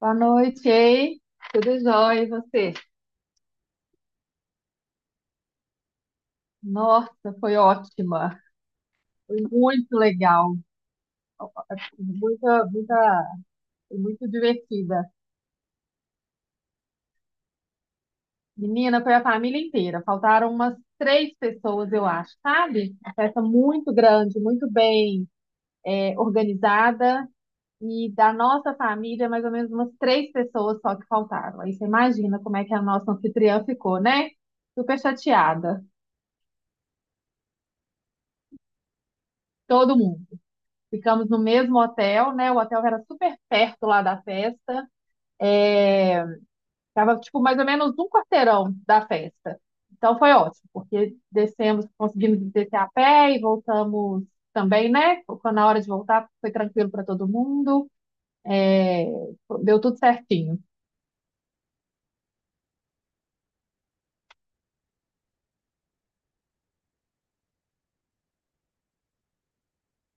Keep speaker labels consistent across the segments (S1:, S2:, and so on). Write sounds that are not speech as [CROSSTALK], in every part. S1: Boa noite, hein? Tudo jóia, e você? Nossa, foi ótima. Foi muito legal. Muita, muita, foi muito divertida. Menina, foi a família inteira. Faltaram umas três pessoas, eu acho, sabe? Uma festa muito grande, muito bem, organizada. E da nossa família, mais ou menos umas três pessoas só que faltaram. Aí você imagina como é que a nossa anfitriã ficou, né? Super chateada. Todo mundo. Ficamos no mesmo hotel, né? O hotel era super perto lá da festa. É, tava, tipo, mais ou menos um quarteirão da festa. Então foi ótimo, porque descemos, conseguimos descer a pé e voltamos também, né? Quando na hora de voltar foi tranquilo para todo mundo. É, deu tudo certinho.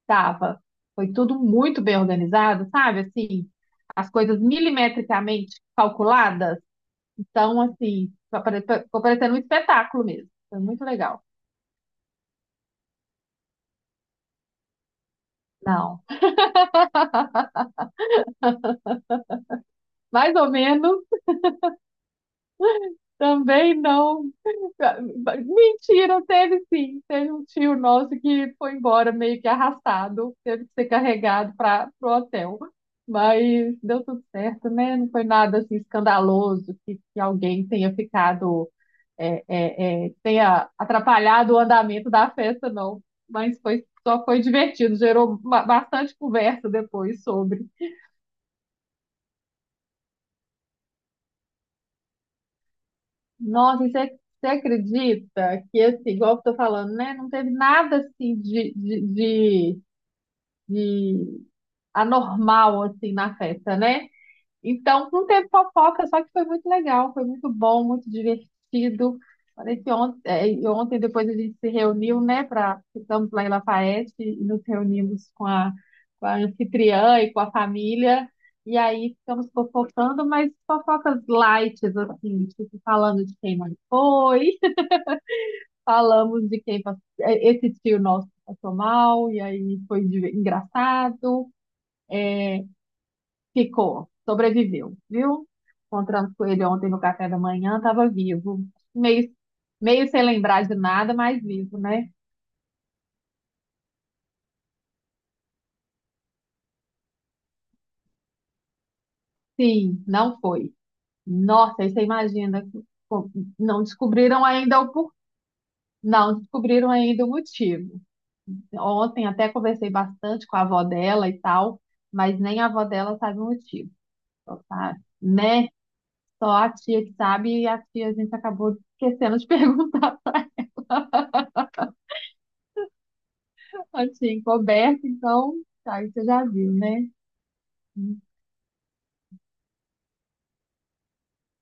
S1: Tava. Foi tudo muito bem organizado, sabe? Assim, as coisas milimetricamente calculadas. Então, assim, ficou ficou parecendo um espetáculo mesmo. Foi muito legal. Não. Mais ou menos, também não. Mentira, teve sim. Teve um tio nosso que foi embora meio que arrastado, teve que ser carregado para o hotel. Mas deu tudo certo, né? Não foi nada assim escandaloso que alguém tenha ficado, tenha atrapalhado o andamento da festa, não. Mas foi, só foi divertido, gerou bastante conversa depois sobre. Nossa, e você acredita que, assim, igual eu tô falando, né? Não teve nada, assim, de, de anormal, assim, na festa, né? Então, não teve fofoca, só que foi muito legal, foi muito bom, muito divertido. Parece que ontem, e ontem depois a gente se reuniu, né, para ficamos lá em Lafayette e nos reunimos com a anfitriã e com a família. E aí ficamos fofocando, mas fofocas light, assim, tipo, falando de quem mais foi, [LAUGHS] falamos de quem passou, esse tio nosso passou mal, e aí foi engraçado. é, Ficou, sobreviveu, viu? Encontramos com ele ontem no café da manhã, estava vivo. Meio, meio sem lembrar de nada, mas vivo, né? Sim, não foi. Nossa, aí você imagina, co- não descobriram ainda o por... não descobriram ainda o motivo. Ontem até conversei bastante com a avó dela e tal, mas nem a avó dela sabe o motivo, só sabe, né? Só a tia que sabe e a tia a gente acabou esquecendo de [LAUGHS] perguntar. Assim, coberto, então, tá, aí você já viu, né?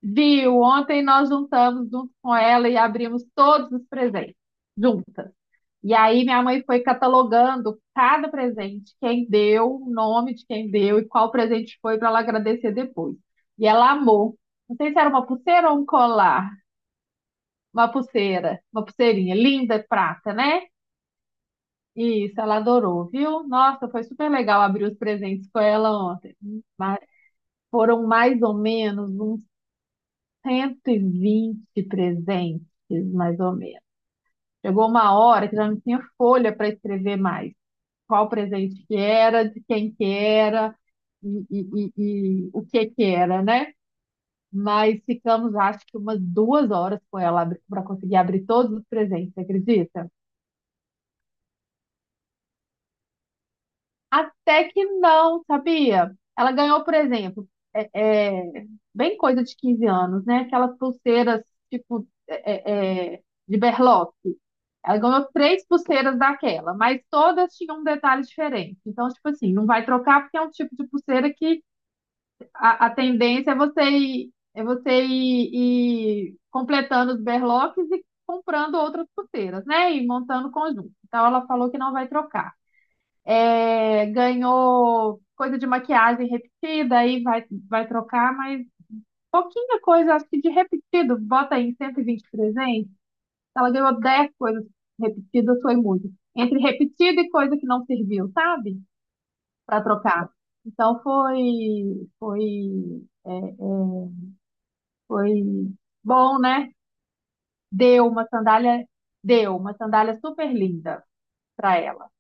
S1: Viu? Ontem nós juntamos junto com ela e abrimos todos os presentes, juntas. E aí minha mãe foi catalogando cada presente, quem deu, o nome de quem deu e qual presente foi para ela agradecer depois. E ela amou. Não sei se era uma pulseira ou um colar. Uma pulseira, uma pulseirinha linda, prata, né? Isso, ela adorou, viu? Nossa, foi super legal abrir os presentes com ela ontem. Foram mais ou menos uns 120 presentes, mais ou menos. Chegou uma hora que já não tinha folha para escrever mais. Qual presente que era, de quem que era e o que que era, né? Mas ficamos, acho que umas 2 horas com ela para conseguir abrir todos os presentes, você acredita? Até que não, sabia? Ela ganhou, por exemplo, é, é, bem coisa de 15 anos, né? Aquelas pulseiras, tipo, de berloque. Ela ganhou três pulseiras daquela, mas todas tinham um detalhe diferente. Então, tipo assim, não vai trocar porque é um tipo de pulseira que a tendência é você ir completando os berloques e comprando outras pulseiras, né? E montando o conjunto. Então, ela falou que não vai trocar ganhou coisa de maquiagem repetida, aí vai trocar, mas pouquinha coisa, acho que de repetido, bota aí 120 presentes, ela ganhou 10 coisas repetidas, foi muito. Entre repetido e coisa que não serviu, sabe? Para trocar. Então é, é, foi bom, né? Deu uma sandália, deu uma sandália super linda para ela.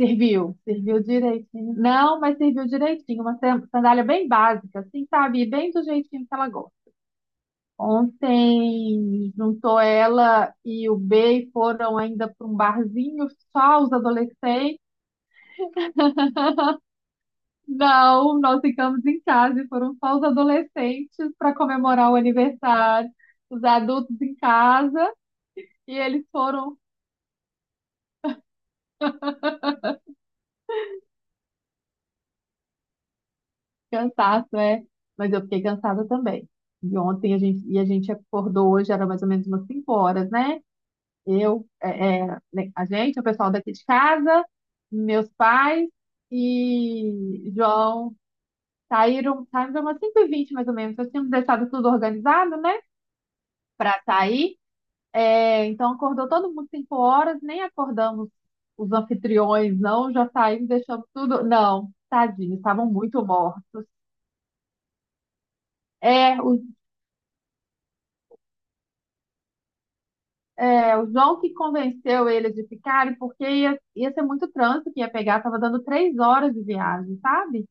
S1: Serviu, serviu direitinho. Não, mas serviu direitinho. Uma sandália bem básica, assim, sabe? E bem do jeitinho que ela gosta. Ontem juntou ela e o B e foram ainda para um barzinho só os adolescentes. Não, nós ficamos em casa e foram só os adolescentes para comemorar o aniversário. Os adultos em casa e eles foram cansados. Mas eu fiquei cansada também. E a gente acordou hoje, era mais ou menos umas 5 horas, né? Eu, né, a gente, o pessoal daqui de casa, meus pais e João saíram umas 5:20 mais ou menos. Nós tínhamos deixado tudo organizado, né? Para sair. É, então acordou todo mundo 5 horas, nem acordamos os anfitriões, não, já saímos, deixamos tudo. Não, tadinhos, estavam muito mortos. É, o, o João que convenceu eles de ficarem, porque ia ser muito trânsito que ia pegar, estava dando 3 horas de viagem, sabe?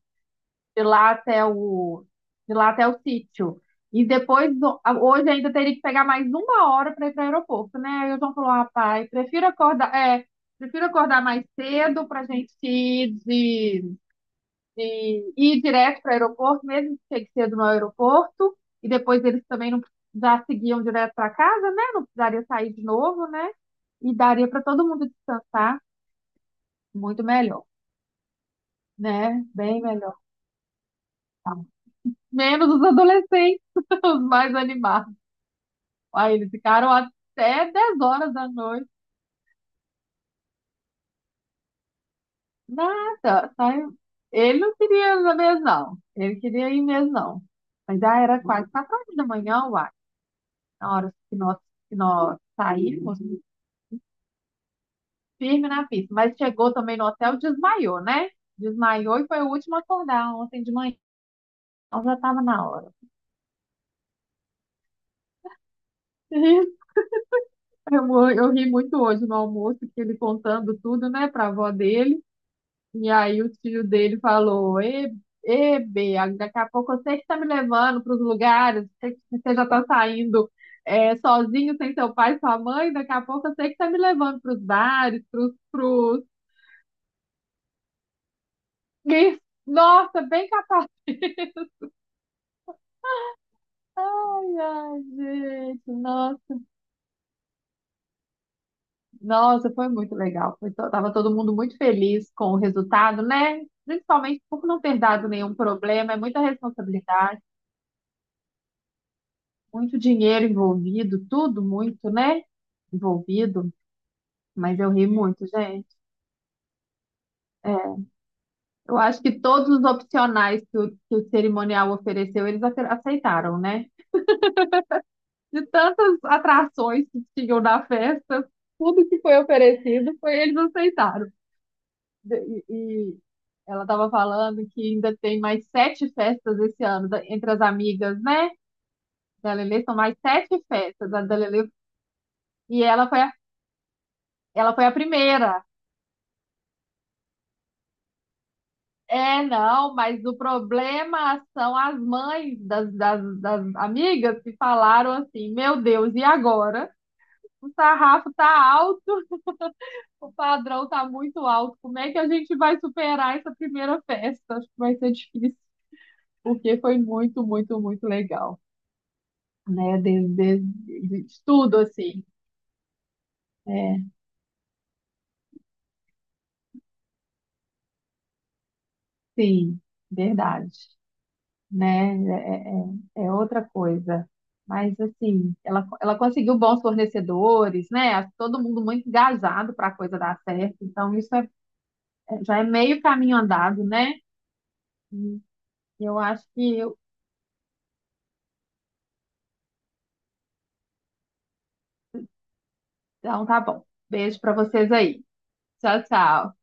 S1: de lá até o, de lá até o sítio. E depois, hoje ainda teria que pegar mais uma hora para ir para o aeroporto, né? Aí o João falou, rapaz, prefiro acordar mais cedo para a gente ir direto para o aeroporto, mesmo que chegue cedo no aeroporto. E depois eles também não já seguiam direto para casa, né? Não precisaria sair de novo, né? E daria para todo mundo descansar muito melhor, né? Bem melhor. tá Menos os adolescentes, [LAUGHS] os mais animados. Aí eles ficaram até 10 horas da noite. Nada, saiu. Ele não queria ir na mesa, não. Ele queria ir mesmo, não. Mas já era quase 4 horas da manhã, uai. Na hora que nós saímos, firme na pista. Mas chegou também no hotel, desmaiou, né? Desmaiou e foi o último a acordar ontem de manhã. Então já estava na hora. [LAUGHS] Eu, eu ri muito hoje no almoço, que ele contando tudo, né, pra avó dele. E aí o tio dele falou, e Bea, daqui a pouco você que está me levando para os lugares, você já está saindo sozinho, sem seu pai, sua mãe, daqui a pouco você que está me levando para os bares, para os... Pros... pros- Nossa, bem capaz. [LAUGHS] Ai, ai, gente, nossa, nossa, foi muito legal. Foi tava todo mundo muito feliz com o resultado, né? Principalmente por não ter dado nenhum problema, é muita responsabilidade. Muito dinheiro envolvido, tudo muito, né? Envolvido, mas eu ri muito, gente. É, eu acho que todos os opcionais que o, cerimonial ofereceu, eles aceitaram, né? De tantas atrações que tinham na festa, tudo que foi oferecido, foi eles aceitaram. E ela estava falando que ainda tem mais sete festas esse ano, entre as amigas, né? Da Lelê, são mais sete festas. A da Lelê, e ela foi a primeira. É, não, mas o problema são as mães das amigas que falaram assim: Meu Deus, e agora? O sarrafo tá alto, o padrão tá muito alto. Como é que a gente vai superar essa primeira festa? Acho que vai ser difícil, porque foi muito, muito, muito legal, né? De tudo, assim. É, sim, verdade, né? É outra coisa. Mas, assim, ela conseguiu bons fornecedores, né? Todo mundo muito engajado para a coisa dar certo. Então, isso já é meio caminho andado, né? E eu acho que. Então, tá bom. Beijo para vocês aí. Tchau, tchau.